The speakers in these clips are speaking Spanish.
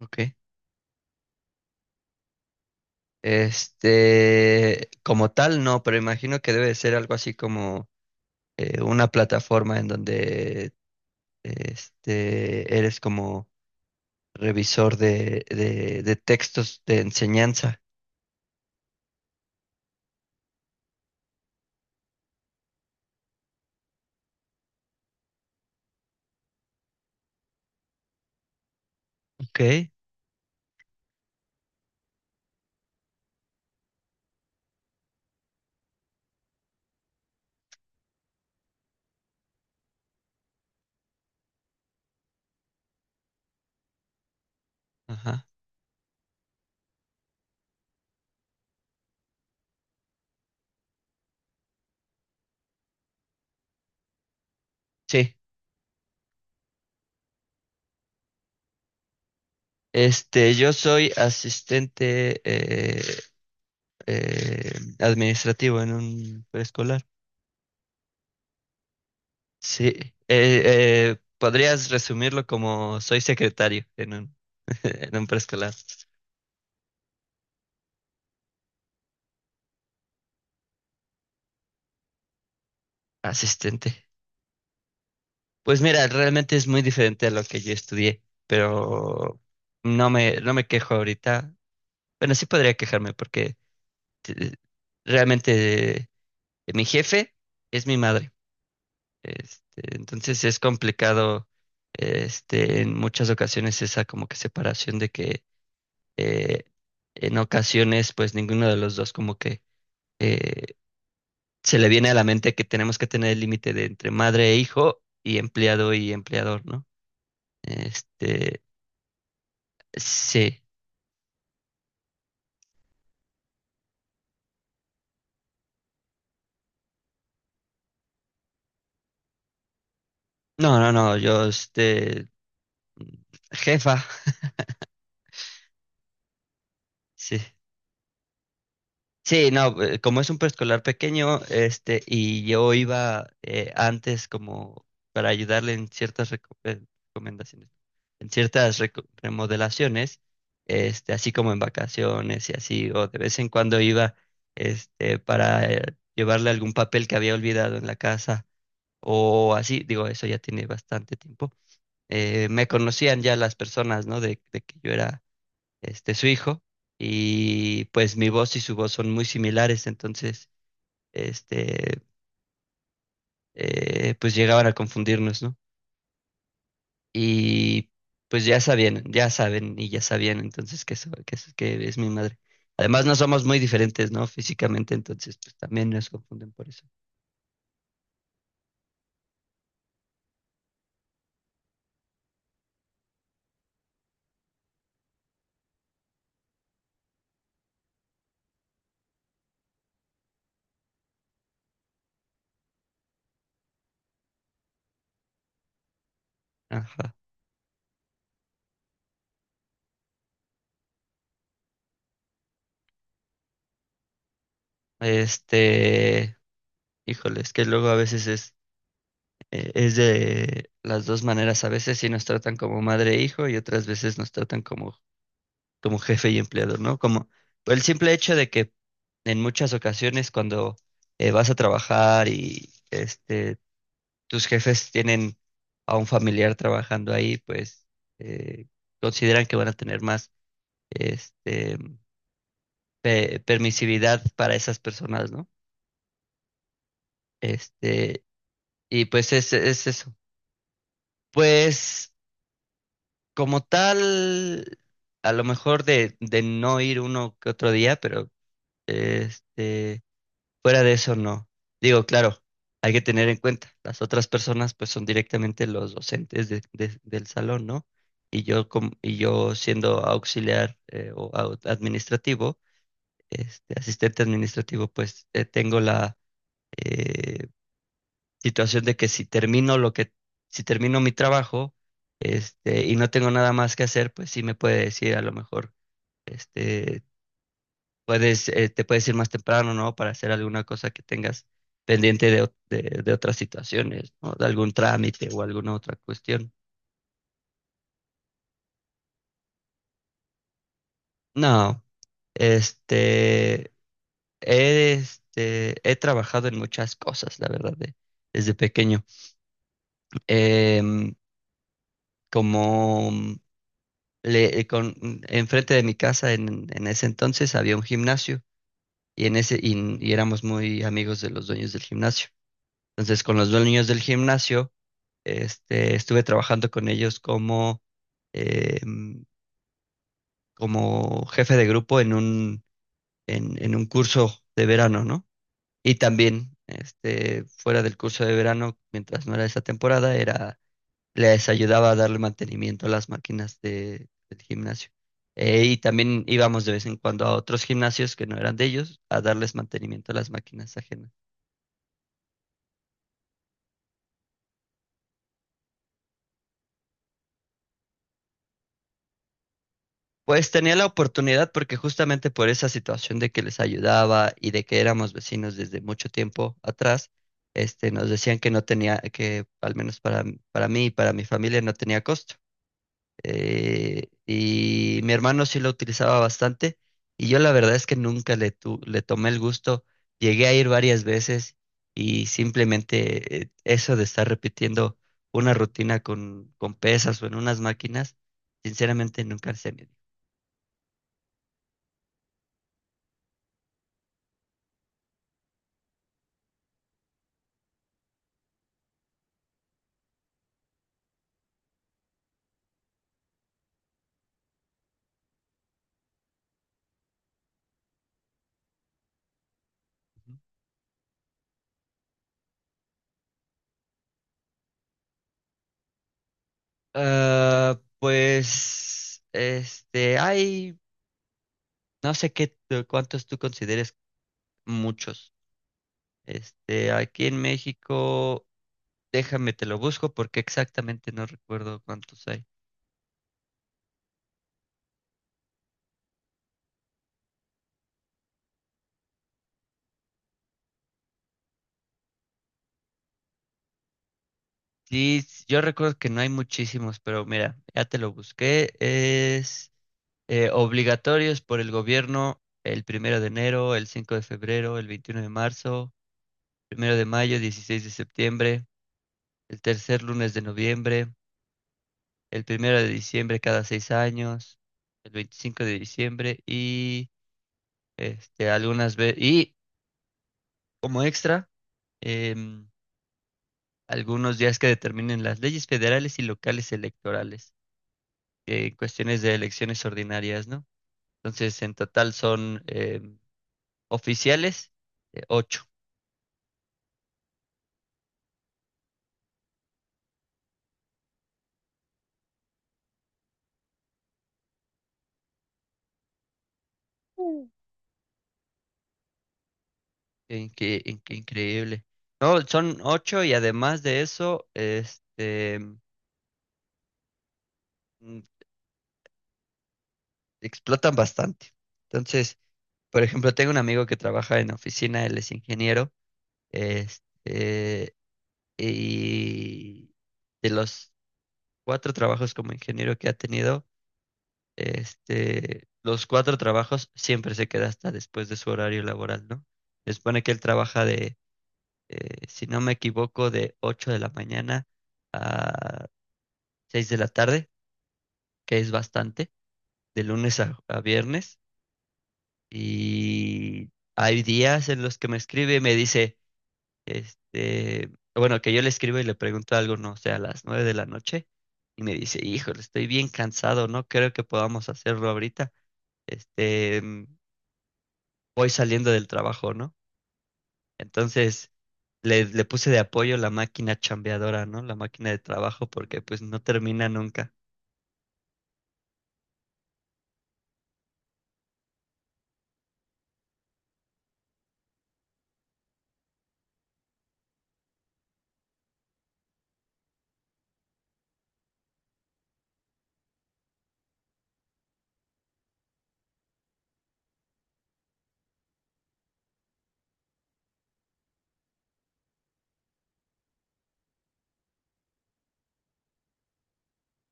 Ok. Como tal, no, pero imagino que debe de ser algo así como una plataforma en donde eres como revisor de textos de enseñanza. Ok. Ajá. Sí. Yo soy asistente eh, administrativo en un preescolar. Sí. Eh, Podrías resumirlo como soy secretario en un preescolar. Asistente. Pues mira, realmente es muy diferente a lo que yo estudié, pero no me quejo ahorita. Bueno, sí podría quejarme porque te- realmente mi jefe es mi madre. Entonces es complicado, en muchas ocasiones esa como que separación de que eh, en ocasiones pues ninguno de los dos como que eh, se le viene a la mente que tenemos que tener el límite de entre madre e hijo y empleado y empleador, ¿no? Este, Sí. No, no, no, yo, jefa. Sí. Sí, no, como es un preescolar pequeño, y yo iba antes como para ayudarle en ciertas recomendaciones, en ciertas remodelaciones, así como en vacaciones y así, o de vez en cuando iba, para llevarle algún papel que había olvidado en la casa, o así, digo, eso ya tiene bastante tiempo. Me conocían ya las personas, ¿no? De que yo era su hijo y pues mi voz y su voz son muy similares. Entonces, este, pues llegaban a confundirnos, ¿no? Y pues ya sabían, ya saben y ya sabían entonces que es mi madre. Además, no somos muy diferentes, ¿no? Físicamente, entonces, pues también nos confunden por eso. Ajá. Este, Híjole, es que luego a veces es de las dos maneras. A veces sí nos tratan como madre e hijo y otras veces nos tratan como jefe y empleador, ¿no? Como el simple hecho de que en muchas ocasiones cuando vas a trabajar y tus jefes tienen a un familiar trabajando ahí, pues eh, consideran que van a tener más este, permisividad para esas personas, ¿no? Este, y pues es eso. Pues como tal, a lo mejor de no ir uno que otro día, pero este, fuera de eso no. Digo, claro, hay que tener en cuenta, las otras personas pues son directamente los docentes del salón, ¿no? Y yo, y yo siendo auxiliar o administrativo, asistente administrativo, pues tengo la, eh, situación de que si termino lo si termino mi trabajo, y no tengo nada más que hacer, pues sí me puede decir a lo mejor, este, puedes, te puedes ir más temprano, ¿no? Para hacer alguna cosa que tengas pendiente de otras situaciones, ¿no? De algún trámite o alguna otra cuestión. No, este, he trabajado en muchas cosas, la verdad, desde pequeño. Em, Como le, eh, con, enfrente de mi casa en ese entonces había un gimnasio y, en ese, y, y éramos muy amigos de los dueños del gimnasio. Entonces, con los dueños del gimnasio, estuve trabajando con ellos eh, como jefe de grupo en un curso de verano, ¿no? Y también, fuera del curso de verano, mientras no era esa temporada, era les ayudaba a darle mantenimiento a las máquinas del gimnasio. Y también íbamos de vez en cuando a otros gimnasios que no eran de ellos a darles mantenimiento a las máquinas ajenas. Pues tenía la oportunidad porque justamente por esa situación de que les ayudaba y de que éramos vecinos desde mucho tiempo atrás, nos decían que no tenía, que al menos para mí y para mi familia no tenía costo. Y mi hermano sí lo utilizaba bastante y yo la verdad es que nunca le, tu- le tomé el gusto. Llegué a ir varias veces y simplemente eso de estar repitiendo una rutina con pesas o en unas máquinas, sinceramente nunca se me dio. Ah, pues, hay, no sé qué, cuántos tú consideres muchos. Aquí en México. Déjame, te lo busco porque exactamente no recuerdo cuántos hay. Sí, yo recuerdo que no hay muchísimos, pero mira, ya te lo busqué. Es obligatorios por el gobierno el 1 de enero, el 5 de febrero, el 21 de marzo, 1 de mayo, 16 de septiembre, el tercer lunes de noviembre, el 1 de diciembre cada 6 años, el 25 de diciembre y algunas veces y como extra. em, Algunos días que determinen las leyes federales y locales electorales, en cuestiones de elecciones ordinarias, ¿no? Entonces, en total son oficiales 8. Mm. Qué increíble. No, son 8 y además de eso, mm, explotan bastante. Entonces, por ejemplo, tengo un amigo que trabaja en oficina, él es ingeniero, este, y de los cuatro trabajos como ingeniero que ha tenido, los cuatro trabajos siempre se queda hasta después de su horario laboral, ¿no? Se supone que él trabaja si no me equivoco, de 8 de la mañana a 6 de la tarde, que es bastante, de lunes a viernes. Y hay días en los que me escribe y me dice, bueno, que yo le escribo y le pregunto algo, no sé, a las 9 de la noche. Y me dice, híjole, estoy bien cansado, no creo que podamos hacerlo ahorita. Este, mm, Voy saliendo del trabajo, ¿no? Entonces le puse de apoyo la máquina chambeadora, ¿no? La máquina de trabajo porque pues no termina nunca.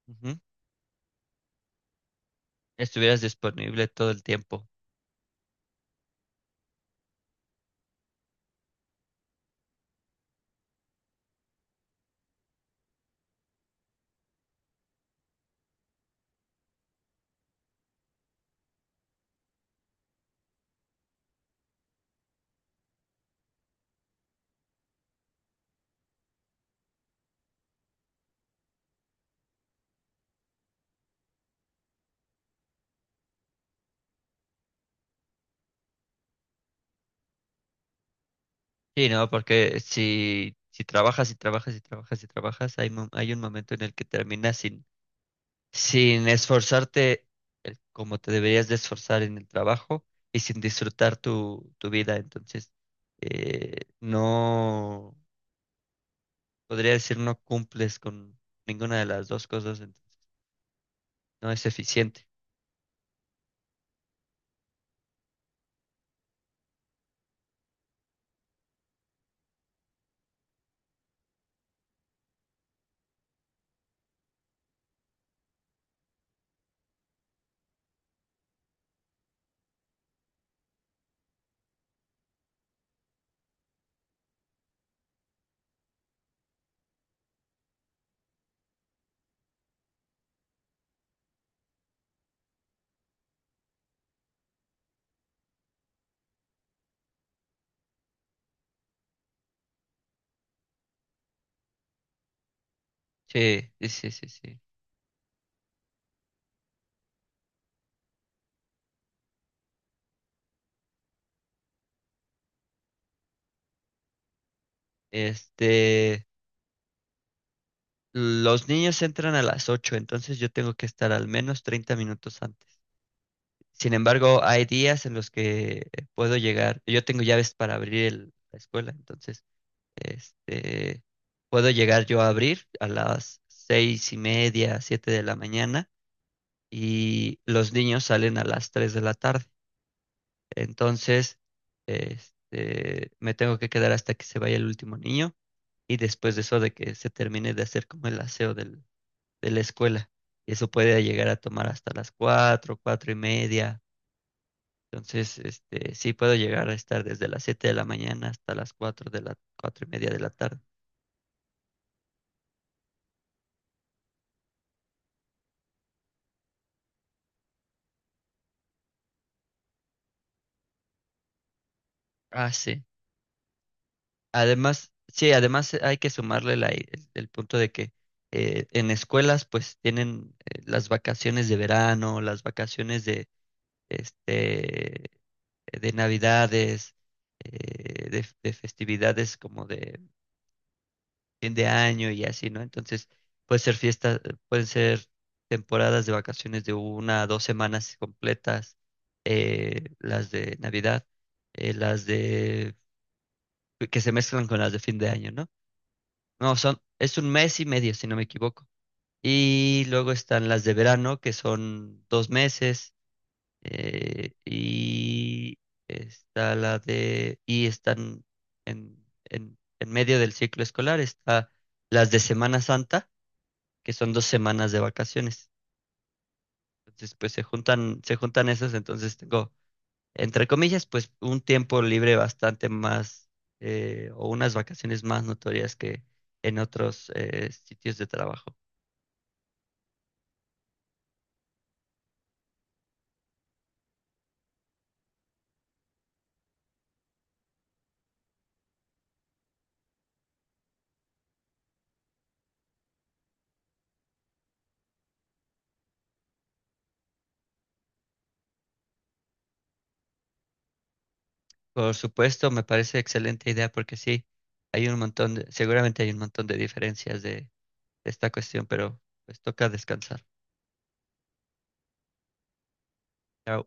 Ujú. Estuvieras disponible todo el tiempo. Sí, ¿no? Porque si, si trabajas y trabajas y trabajas y trabajas, hay un momento en el que terminas sin, sin esforzarte como te deberías de esforzar en el trabajo y sin disfrutar tu, tu vida. Entonces, no. Podría decir no cumples con ninguna de las dos cosas, entonces no es eficiente. Sí, sí, sí, sí, sí. Este, los niños entran a las 8, entonces yo tengo que estar al menos 30 minutos antes. Sin embargo, hay días en los que puedo llegar, yo tengo llaves para abrir la escuela, entonces, este, puedo llegar yo a abrir a las 6:30, 7 de la mañana, y los niños salen a las 3 de la tarde. Entonces, me tengo que quedar hasta que se vaya el último niño y después de eso de que se termine de hacer como el aseo de la escuela. Y eso puede llegar a tomar hasta las cuatro, cuatro y media. Entonces, sí puedo llegar a estar desde las 7 de la mañana hasta las 4:30 de la tarde. Ah, sí. Además, sí, además hay que sumarle el punto de que en escuelas pues tienen las vacaciones de verano, las vacaciones este, de navidades, de festividades como de fin de año y así, ¿no? Entonces, puede ser fiestas, pueden ser temporadas de vacaciones de una a dos semanas completas, las de Navidad, las de que se mezclan con las de fin de año, ¿no? No, es un mes y medio, si no me equivoco. Y luego están las de verano, que son 2 meses y está la de, y están en medio del ciclo escolar, está las de Semana Santa, que son 2 semanas de vacaciones. Entonces, pues se juntan esas, entonces tengo, entre comillas, pues un tiempo libre bastante más, o unas vacaciones más notorias que en otros sitios de trabajo. Por supuesto, me parece excelente idea porque sí, hay un montón seguramente hay un montón de diferencias de esta cuestión, pero pues toca descansar. Chao.